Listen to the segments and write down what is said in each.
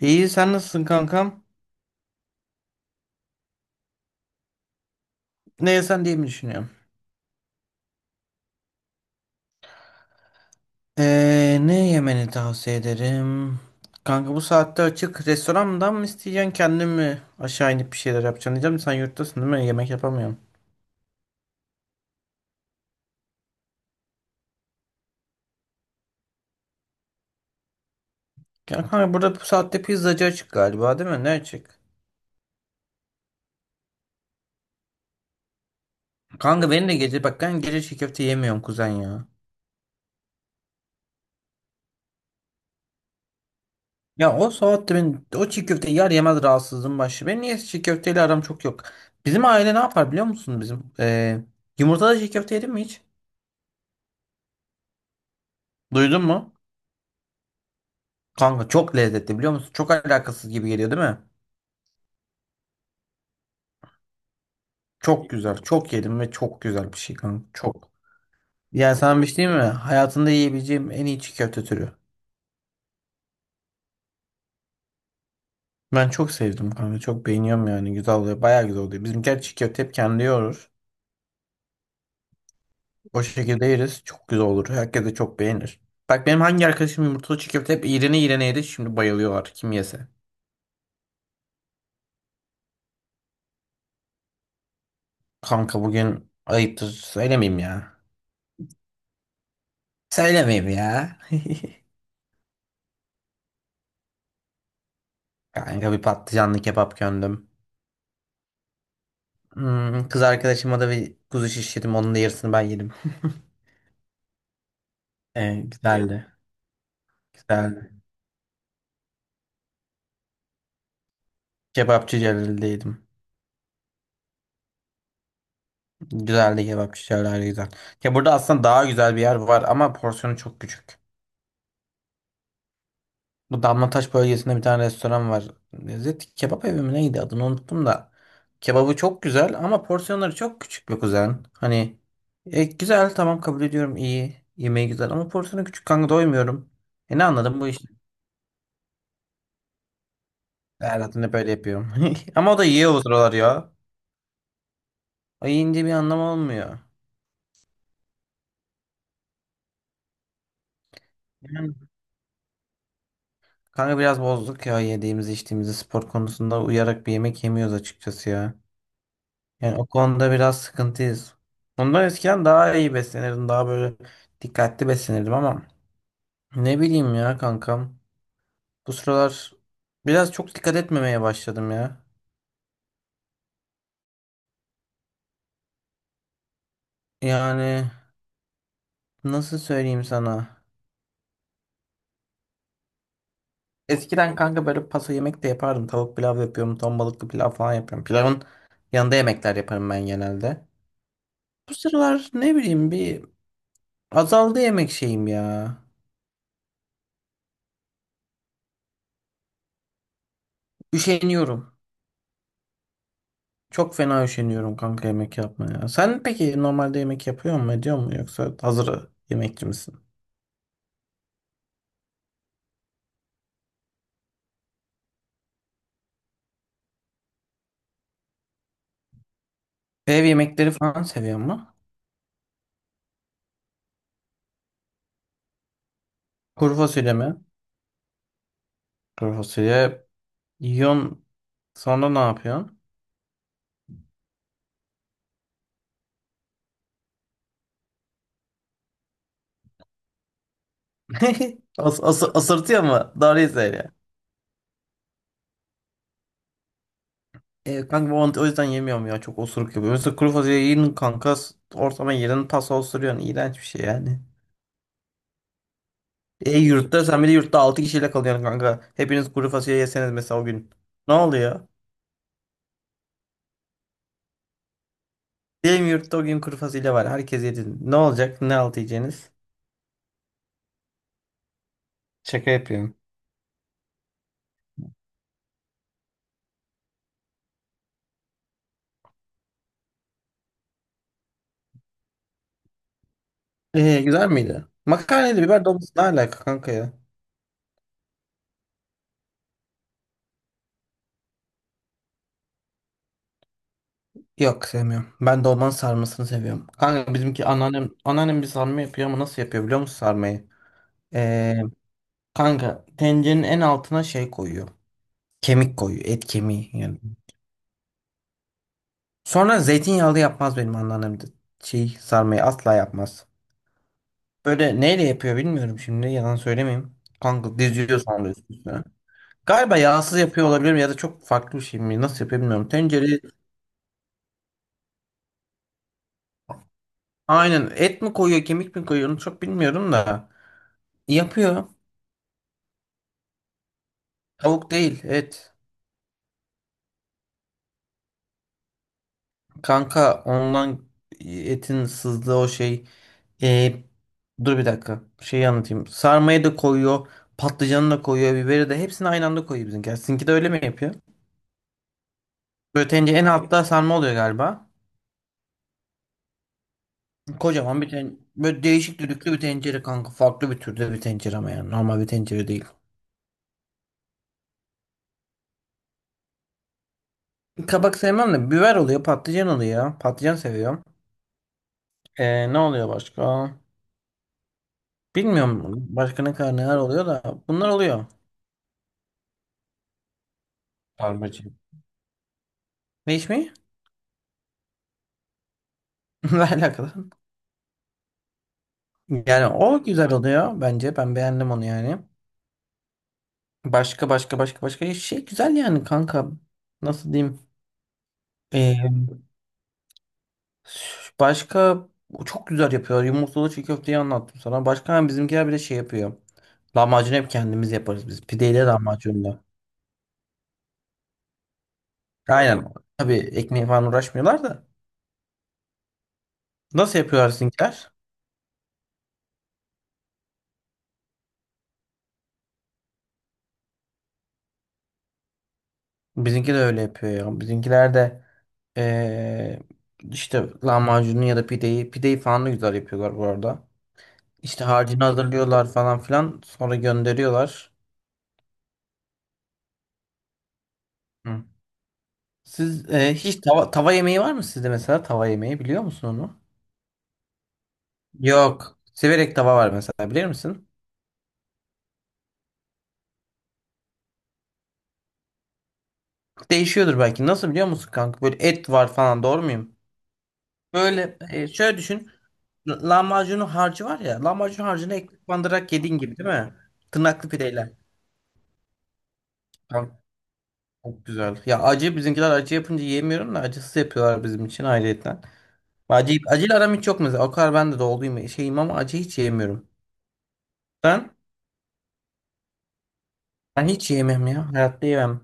İyi sen nasılsın kankam? Ne yesen diye mi düşünüyorum? Ne yemeni tavsiye ederim? Kanka bu saatte açık restorandan mı isteyeceksin kendin mi aşağı inip bir şeyler yapacaksın diyeceğim. Sen yurttasın değil mi? Yemek yapamıyorum. Ya kanka burada bu saatte pizzacı açık galiba değil mi? Ne açık? Kanka benim de gece bak ben gece çiğ köfte yemiyorum kuzen ya. Ya o saatte ben o çiğ köfteyi yer yemez rahatsızlığım başlıyor. Benim niye çiğ köfteyle aram çok yok. Bizim aile ne yapar biliyor musun bizim? Yumurtalı çiğ köfte yedin mi hiç? Duydun mu? Kanka çok lezzetli biliyor musun? Çok alakasız gibi geliyor değil mi? Çok güzel. Çok yedim ve çok güzel bir şey kanka. Çok. Yani sana bir şey diyeyim mi? Hayatında yiyebileceğim en iyi çiğ köfte türü. Ben çok sevdim kanka. Çok beğeniyorum yani. Güzel oluyor. Bayağı güzel oluyor. Bizimkiler çiğ köfte hep kendi yoğurur. O şekilde yeriz. Çok güzel olur. Herkes de çok beğenir. Bak benim hangi arkadaşım yumurtalı çiğ köfte hep iğrene iğrene yedi. Şimdi bayılıyorlar. Kim yese. Kanka bugün ayıptır. Söylemeyeyim ya. Söylemeyeyim ya. Kanka bir patlıcanlı kebap gömdüm. Kız arkadaşıma da bir kuzu şiş yedim. Onun da yarısını ben yedim. Güzeldi. Güzeldi. Kebapçı Celal'de yedim. Güzeldi kebapçı Celal'de güzel. Ya burada aslında daha güzel bir yer var ama porsiyonu çok küçük. Bu Damlataş bölgesinde bir tane restoran var. Lezzet kebap evi mi neydi adını unuttum da. Kebabı çok güzel ama porsiyonları çok küçük be kuzen. Hani güzel tamam kabul ediyorum iyi. Yemeği güzel ama porsiyonu küçük kanka doymuyorum. E ne anladım bu iş? Erhat'ın hep böyle yapıyorum. Ama o da yiyor o sıralar ya. O yiyince bir anlam olmuyor. Yani kanka biraz bozduk ya yediğimizi içtiğimizi spor konusunda uyarak bir yemek yemiyoruz açıkçası ya. Yani o konuda biraz sıkıntıyız. Bundan eskiden daha iyi beslenirdim. Daha böyle dikkatli beslenirdim ama ne bileyim ya kankam. Bu sıralar biraz çok dikkat etmemeye başladım ya. Yani nasıl söyleyeyim sana? Eskiden kanka böyle paso yemek de yapardım. Tavuk pilav yapıyorum. Ton balıklı pilav falan yapıyorum. Pilavın yanında yemekler yaparım ben genelde. Bu sıralar ne bileyim bir azaldı yemek şeyim ya. Üşeniyorum. Çok fena üşeniyorum kanka yemek yapmaya. Sen peki normalde yemek yapıyor mu ediyor mu yoksa hazır yemekçi misin? Ev yemekleri falan seviyor mu? Kuru fasulye mi? Kuru fasulye yiyorsun sonra ne yapıyorsun? As as asırtıyor mu? Doğruyu söyle. E, kanka bu mantı o yüzden yemiyorum ya çok osuruk yapıyor. Mesela kuru fasulye yiyin kanka ortama girdin tasa osuruyorsun. İğrenç bir şey yani. E yurtta sen bir de yurtta 6 kişiyle kalıyorsun kanka. Hepiniz kuru fasulye yeseniz mesela o gün. Ne oluyor? Benim yurtta o gün kuru fasulye var. Herkes yedi. Ne olacak? Ne altı yiyeceğiniz? Şaka yapıyorum. E, güzel miydi? Makarnayla biber dolması ne alaka kanka ya? Yok sevmiyorum. Ben dolmanın sarmasını seviyorum. Kanka bizimki anneannem bir sarma yapıyor ama nasıl yapıyor biliyor musun sarmayı? E, Kanka tencerenin en altına şey koyuyor. Kemik koyuyor. Et kemiği yani. Sonra zeytinyağlı yapmaz benim anneannem de. Şey sarmayı asla yapmaz. Böyle neyle yapıyor bilmiyorum şimdi yalan söylemeyeyim. Kanka diziyor sonra üst üstüne. Galiba yağsız yapıyor olabilirim ya da çok farklı bir şey mi? Nasıl yapıyor bilmiyorum. Tencereyi aynen et mi koyuyor kemik mi koyuyor onu çok bilmiyorum da. Yapıyor. Tavuk değil et. Kanka ondan etin sızdığı o şey. E, dur bir dakika. Şeyi anlatayım. Sarmayı da koyuyor. Patlıcanı da koyuyor. Biberi de. Hepsini aynı anda koyuyor bizimkiler. Sizinki de öyle mi yapıyor? Böyle tencere en altta sarma oluyor galiba. Kocaman bir tencere. Böyle değişik düdüklü bir tencere kanka. Farklı bir türde bir tencere ama yani. Normal bir tencere değil. Kabak sevmem de biber oluyor. Patlıcan oluyor. Patlıcan seviyorum. E, ne oluyor başka? Bilmiyorum. Başka ne kadar neler oluyor da. Bunlar oluyor. Sarmacı. Ne iş mi? Ne alakalı? Yani o güzel oluyor bence. Ben beğendim onu yani. Başka başka başka başka şey güzel yani kanka. Nasıl diyeyim? Ee, başka o çok güzel yapıyor. Yumurtalı çiğ köfteyi anlattım sana. Başka hani bizimkiler bir de şey yapıyor. Lahmacun hep kendimiz yaparız biz. Pideyle lahmacunla. Aynen. Tabii ekmeğe falan uğraşmıyorlar da. Nasıl yapıyorlar sizinkiler? Bizimki de öyle yapıyor ya. Bizimkiler de ee, işte lahmacunu ya da pideyi. Pideyi falan da güzel yapıyorlar bu arada. İşte harcını hazırlıyorlar falan filan. Sonra gönderiyorlar. Hı. Siz hiç tava yemeği var mı sizde mesela? Tava yemeği biliyor musun onu? Yok. Siverek tava var mesela bilir misin? Değişiyordur belki. Nasıl biliyor musun kanka? Böyle et var falan doğru muyum? Böyle şöyle düşün. L- Lahmacunun harcı var ya. Lahmacun harcını ekmek bandırarak yediğin gibi değil mi? Tırnaklı pideyle. Kanka, çok güzel. Ya acı bizimkiler acı yapınca yemiyorum da acısız yapıyorlar bizim için ayrıyetten. Acil, aram hiç yok mesela. O kadar ben de doluyum şeyim ama acı hiç yemiyorum. Ben, ben hiç yemem ya. Hayatta yemem.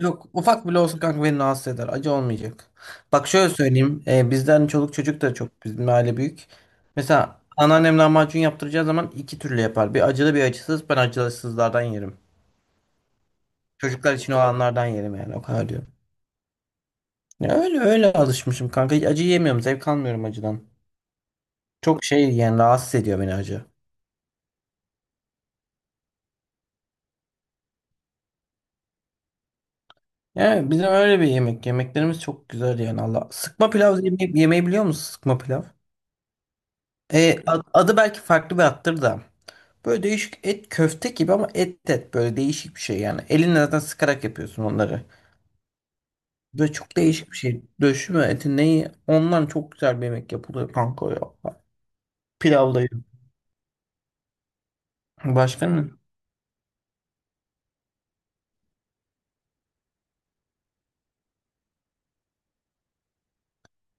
Yok ufak bile olsa kanka beni rahatsız eder. Acı olmayacak. Bak şöyle söyleyeyim. Bizden çoluk çocuk da çok bizim aile büyük. Mesela anneannem lahmacun yaptıracağı zaman iki türlü yapar. Bir acılı bir acısız. Ben acısızlardan yerim. Çocuklar için olanlardan yerim yani o kadar diyorum. Ya öyle öyle alışmışım kanka. Hiç acı yemiyorum. Zevk almıyorum acıdan. Çok şey yani rahatsız ediyor beni acı. Yani bizim öyle bir yemek. Yemeklerimiz çok güzel yani Allah. Sıkma pilav yemeği biliyor musun? Sıkma pilav. Adı belki farklı bir attır da. Böyle değişik et köfte gibi ama et böyle değişik bir şey yani. Elinle zaten sıkarak yapıyorsun onları. Böyle çok değişik bir şey. Döşüme eti neyi? Ondan çok güzel bir yemek yapılıyor kanka ya. Pilavda yiyor. Başka ne?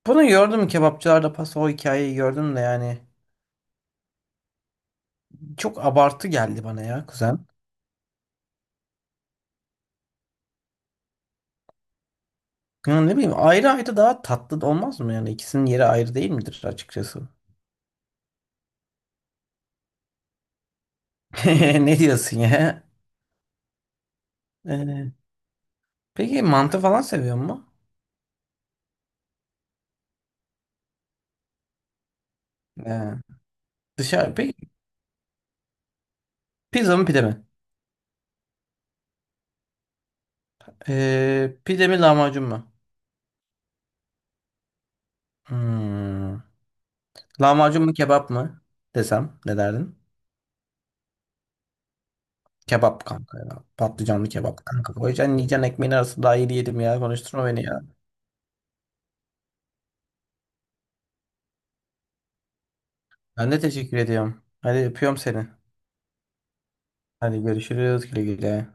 Bunu gördüm kebapçılarda pasta o hikayeyi gördüm de yani. Çok abartı geldi bana ya kuzen. Ya ne bileyim ayrı ayrı daha tatlı da olmaz mı yani ikisinin yeri ayrı değil midir açıkçası? Ne diyorsun ya? Ee, peki mantı falan seviyor mu? Ee, Dışarı peki pizza mı pide mi? Pide mi lahmacun mu? Hmm. Lahmacun mu kebap mı desem ne derdin? Kebap kanka ya. Patlıcanlı kebap kanka. Koyacaksın yiyeceksin ekmeğin arasında daha iyi yedim ya. Konuşturma beni ya. Ben de teşekkür ediyorum. Hadi öpüyorum seni. Hadi görüşürüz güle güle.